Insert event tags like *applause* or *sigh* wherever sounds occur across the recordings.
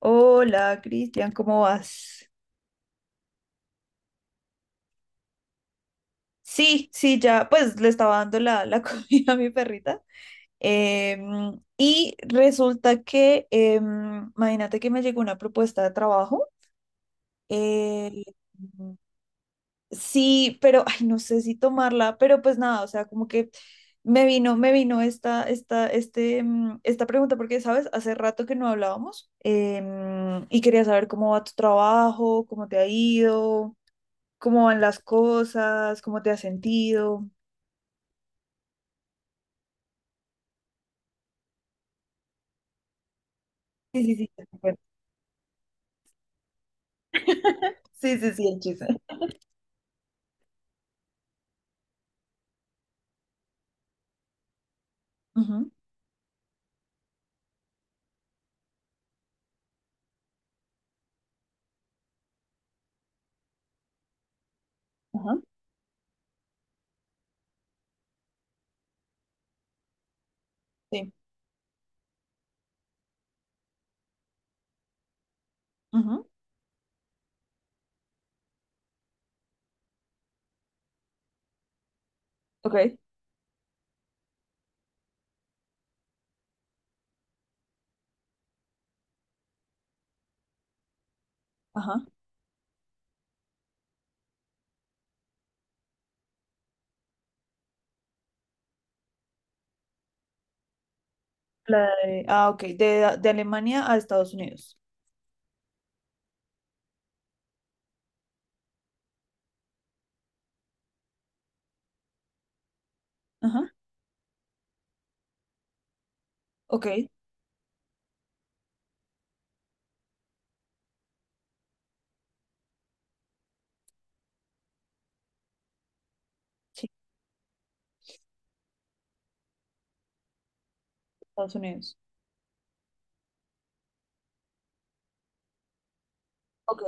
Hola, Cristian, ¿cómo vas? Sí, sí, ya, pues le estaba dando la *laughs* comida a mi perrita. Y resulta que, imagínate que me llegó una propuesta de trabajo. eh, sí, pero, ay, no sé si tomarla, pero pues nada, o sea, como que me vino esta pregunta porque, ¿sabes? Hace rato que no hablábamos, y quería saber cómo va tu trabajo, cómo te ha ido, cómo van las cosas, cómo te has sentido. Sí, sí, sí, ya me acuerdo. Sí, sí, sí, el chisme. Ujú. Ajá, sí. Ujú. Ok, ajá. Ah, ok, de Alemania a Estados Unidos. Ajá, ok, sí, Estados Unidos. Ok.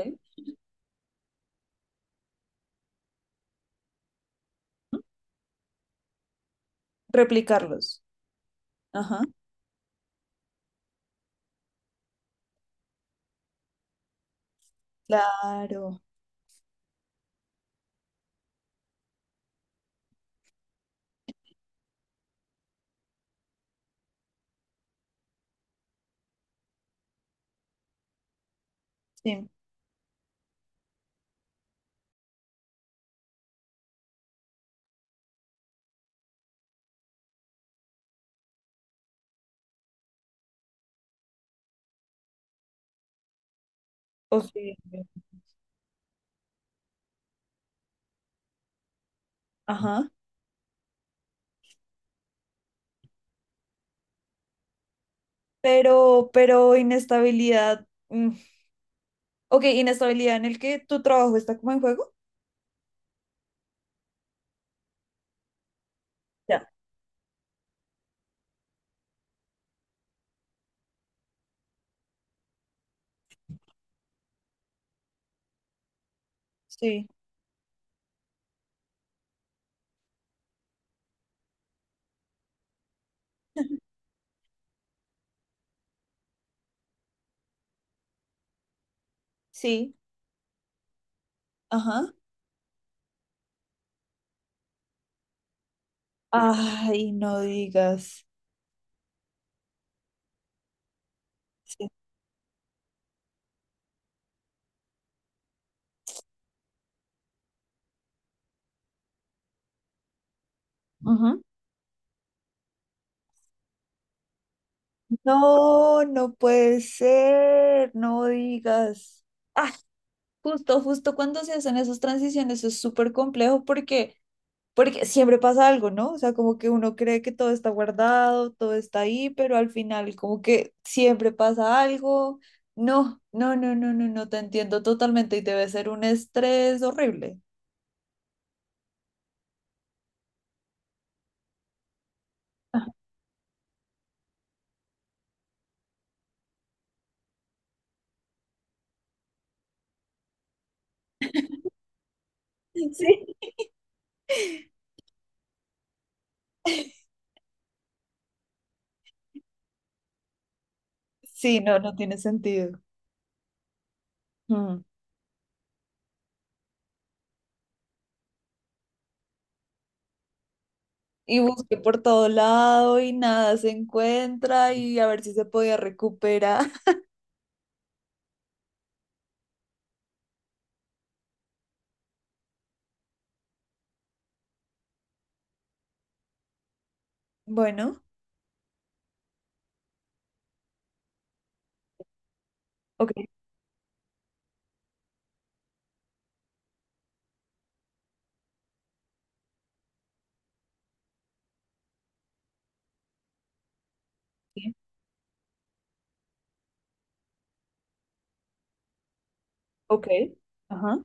Ujú. Replicarlos. Ajá, claro, sí. O sí. Ajá, pero inestabilidad. Ok, inestabilidad en el que tu trabajo está como en juego. Ya. Sí, *laughs* sí, ajá. Ay, no digas. Sí. Ujú. No, no puede ser, no digas. Ah, justo, justo cuando se hacen esas transiciones es súper complejo porque, porque siempre pasa algo, ¿no? O sea, como que uno cree que todo está guardado, todo está ahí, pero al final como que siempre pasa algo. No, no, no, no, no, no, te entiendo totalmente y debe ser un estrés horrible. *laughs* Sí. Sí, no, no tiene sentido. Y busqué por todo lado y nada se encuentra y a ver si se podía recuperar. *laughs* Bueno, ok, sí, ok, ajá,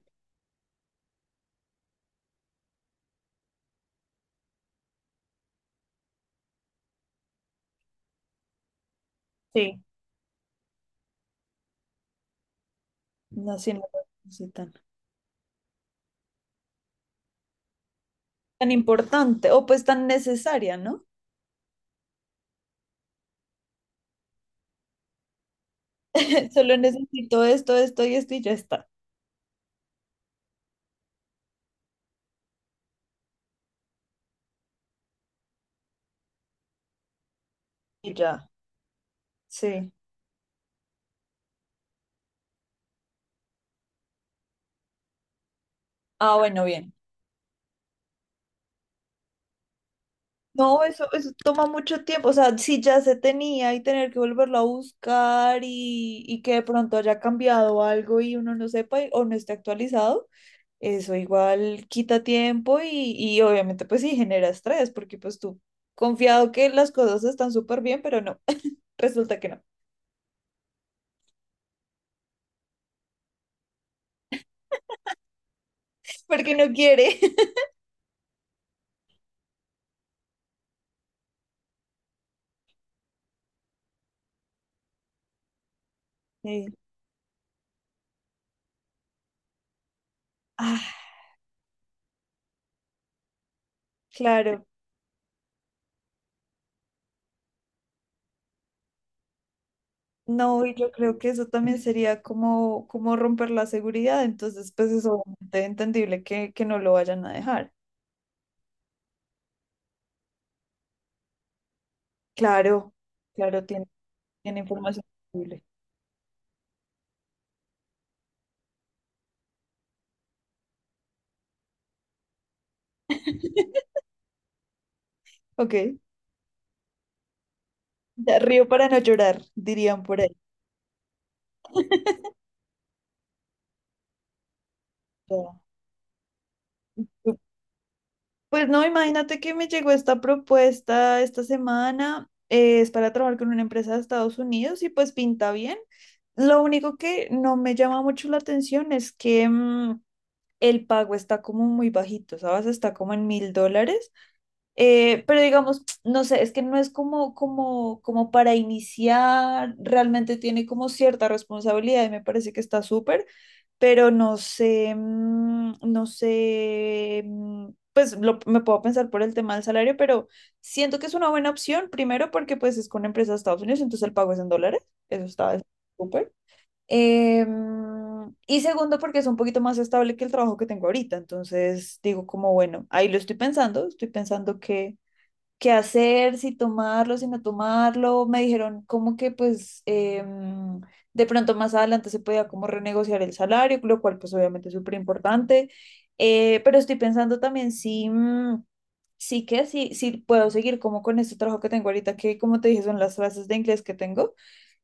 sí, no, sí, no es tan, tan importante o pues tan necesaria, ¿no? *laughs* Solo necesito esto, esto y esto y ya está. Y ya, sí. Ah, bueno, bien. No, eso toma mucho tiempo. O sea, si ya se tenía y tener que volverlo a buscar y que de pronto haya cambiado algo y uno no sepa o no esté actualizado. Eso igual quita tiempo y obviamente pues sí genera estrés, porque pues tú confiado que las cosas están súper bien, pero no, *laughs* resulta que no, porque no quiere. *laughs* Sí. Ah, claro. No, y yo creo que eso también sería como, como romper la seguridad, entonces pues es obviamente entendible que no lo vayan a dejar. Claro, claro, tiene, tiene información sensible. *laughs* Ok, ya río para no llorar, dirían por ahí. *laughs* Ya. Pues no, imagínate que me llegó esta propuesta esta semana, es para trabajar con una empresa de Estados Unidos y pues pinta bien. Lo único que no me llama mucho la atención es que el pago está como muy bajito, ¿sabes? Está como en mil dólares. Pero digamos, *tsk* no sé, es que no es como, como, como para iniciar, realmente tiene como cierta responsabilidad y me parece que está súper, pero no sé, no sé, pues me puedo pensar por el tema del salario, pero siento que es una buena opción, primero porque pues es con una empresa de Estados Unidos, entonces el pago es en dólares, eso está súper. Y segundo, porque es un poquito más estable que el trabajo que tengo ahorita. Entonces digo como, bueno, ahí lo estoy pensando que qué hacer, si tomarlo, si no tomarlo. Me dijeron como que pues, de pronto más adelante se podía como renegociar el salario, lo cual pues obviamente es súper importante. Pero estoy pensando también si, sí que, si, si puedo seguir como con este trabajo que tengo ahorita, que como te dije son las clases de inglés que tengo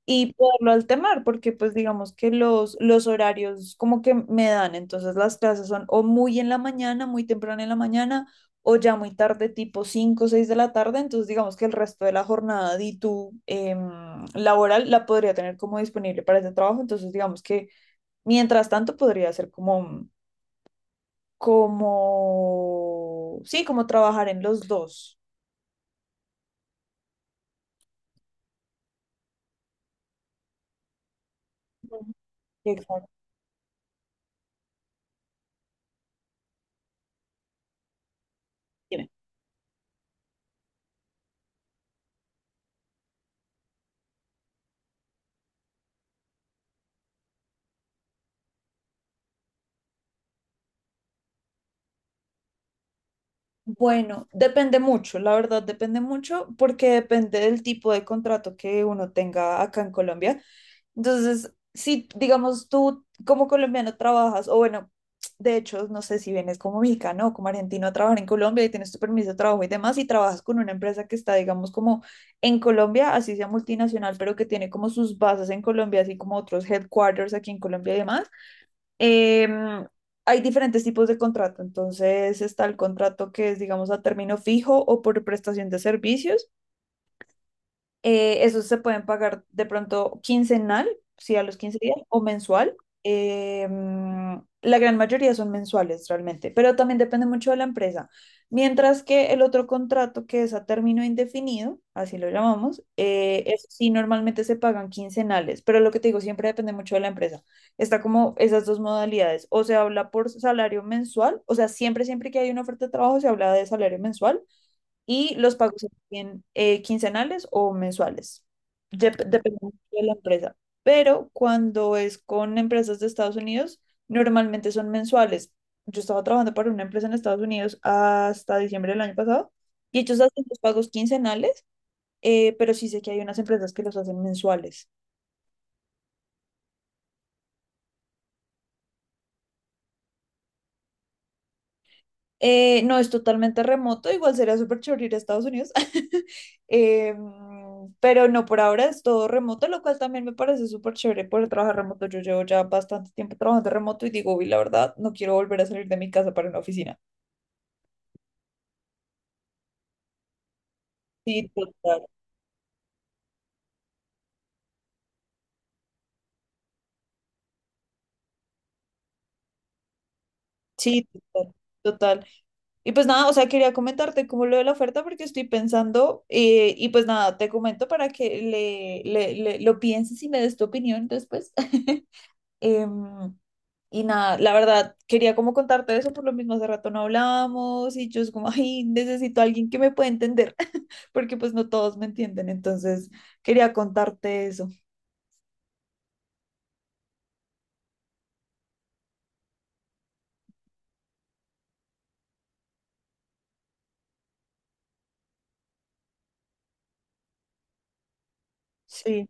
y poderlo alternar, porque pues digamos que los horarios como que me dan, entonces las clases son o muy en la mañana, muy temprano en la mañana, o ya muy tarde, tipo 5 o 6 de la tarde, entonces digamos que el resto de la jornada de tu laboral la podría tener como disponible para ese trabajo, entonces digamos que mientras tanto podría ser como, como, sí, como trabajar en los dos. Ujú. Exacto. Dime. Bueno, depende mucho, la verdad depende mucho porque depende del tipo de contrato que uno tenga acá en Colombia. Entonces, si digamos tú como colombiano trabajas, o bueno, de hecho, no sé si vienes como mexicano o como argentino a trabajar en Colombia y tienes tu permiso de trabajo y demás, y trabajas con una empresa que está, digamos, como en Colombia, así sea multinacional, pero que tiene como sus bases en Colombia, así como otros headquarters aquí en Colombia y demás. Em, Hay diferentes tipos de contrato, entonces está el contrato que es, digamos, a término fijo o por prestación de servicios. Esos se pueden pagar de pronto quincenal, sí, a los 15 días, o mensual. La gran mayoría son mensuales realmente, pero también depende mucho de la empresa. Mientras que el otro contrato, que es a término indefinido, así lo llamamos, eso sí, normalmente se pagan quincenales, pero lo que te digo, siempre depende mucho de la empresa. Está como esas dos modalidades, o se habla por salario mensual, o sea, siempre, siempre que hay una oferta de trabajo se habla de salario mensual y los pagos serían, quincenales o mensuales, dependiendo de la empresa. Pero cuando es con empresas de Estados Unidos, normalmente son mensuales. Yo estaba trabajando para una empresa en Estados Unidos hasta diciembre del año pasado y ellos hacen los pagos quincenales, pero sí sé que hay unas empresas que los hacen mensuales. No, es totalmente remoto, igual sería súper chévere ir a Estados Unidos. *laughs* Pero no, por ahora es todo remoto, lo cual también me parece súper chévere poder trabajar remoto. Yo llevo ya bastante tiempo trabajando remoto y digo, uy, la verdad, no quiero volver a salir de mi casa para una oficina. Sí, total, sí, total. Total. Y pues nada, o sea, quería comentarte como lo de la oferta porque estoy pensando, y pues nada, te comento para que lo pienses y me des tu opinión después. *laughs* Em, Y nada, la verdad, quería como contarte eso, por lo mismo hace rato no hablábamos y yo es como, *laughs* ay, necesito a alguien que me pueda entender, *laughs* porque pues no todos me entienden, entonces quería contarte eso. Sí,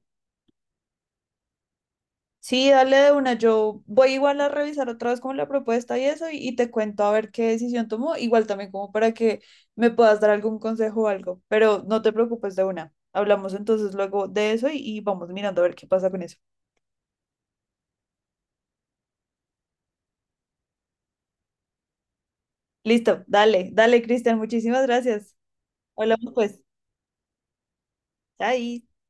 sí, dale de una, yo voy igual a revisar otra vez como la propuesta y eso y te cuento a ver qué decisión tomó, igual también como para que me puedas dar algún consejo o algo, pero no te preocupes de una, hablamos entonces luego de eso y vamos mirando a ver qué pasa con eso. Listo, dale, dale, Cristian, muchísimas gracias. Hablamos pues. Chai.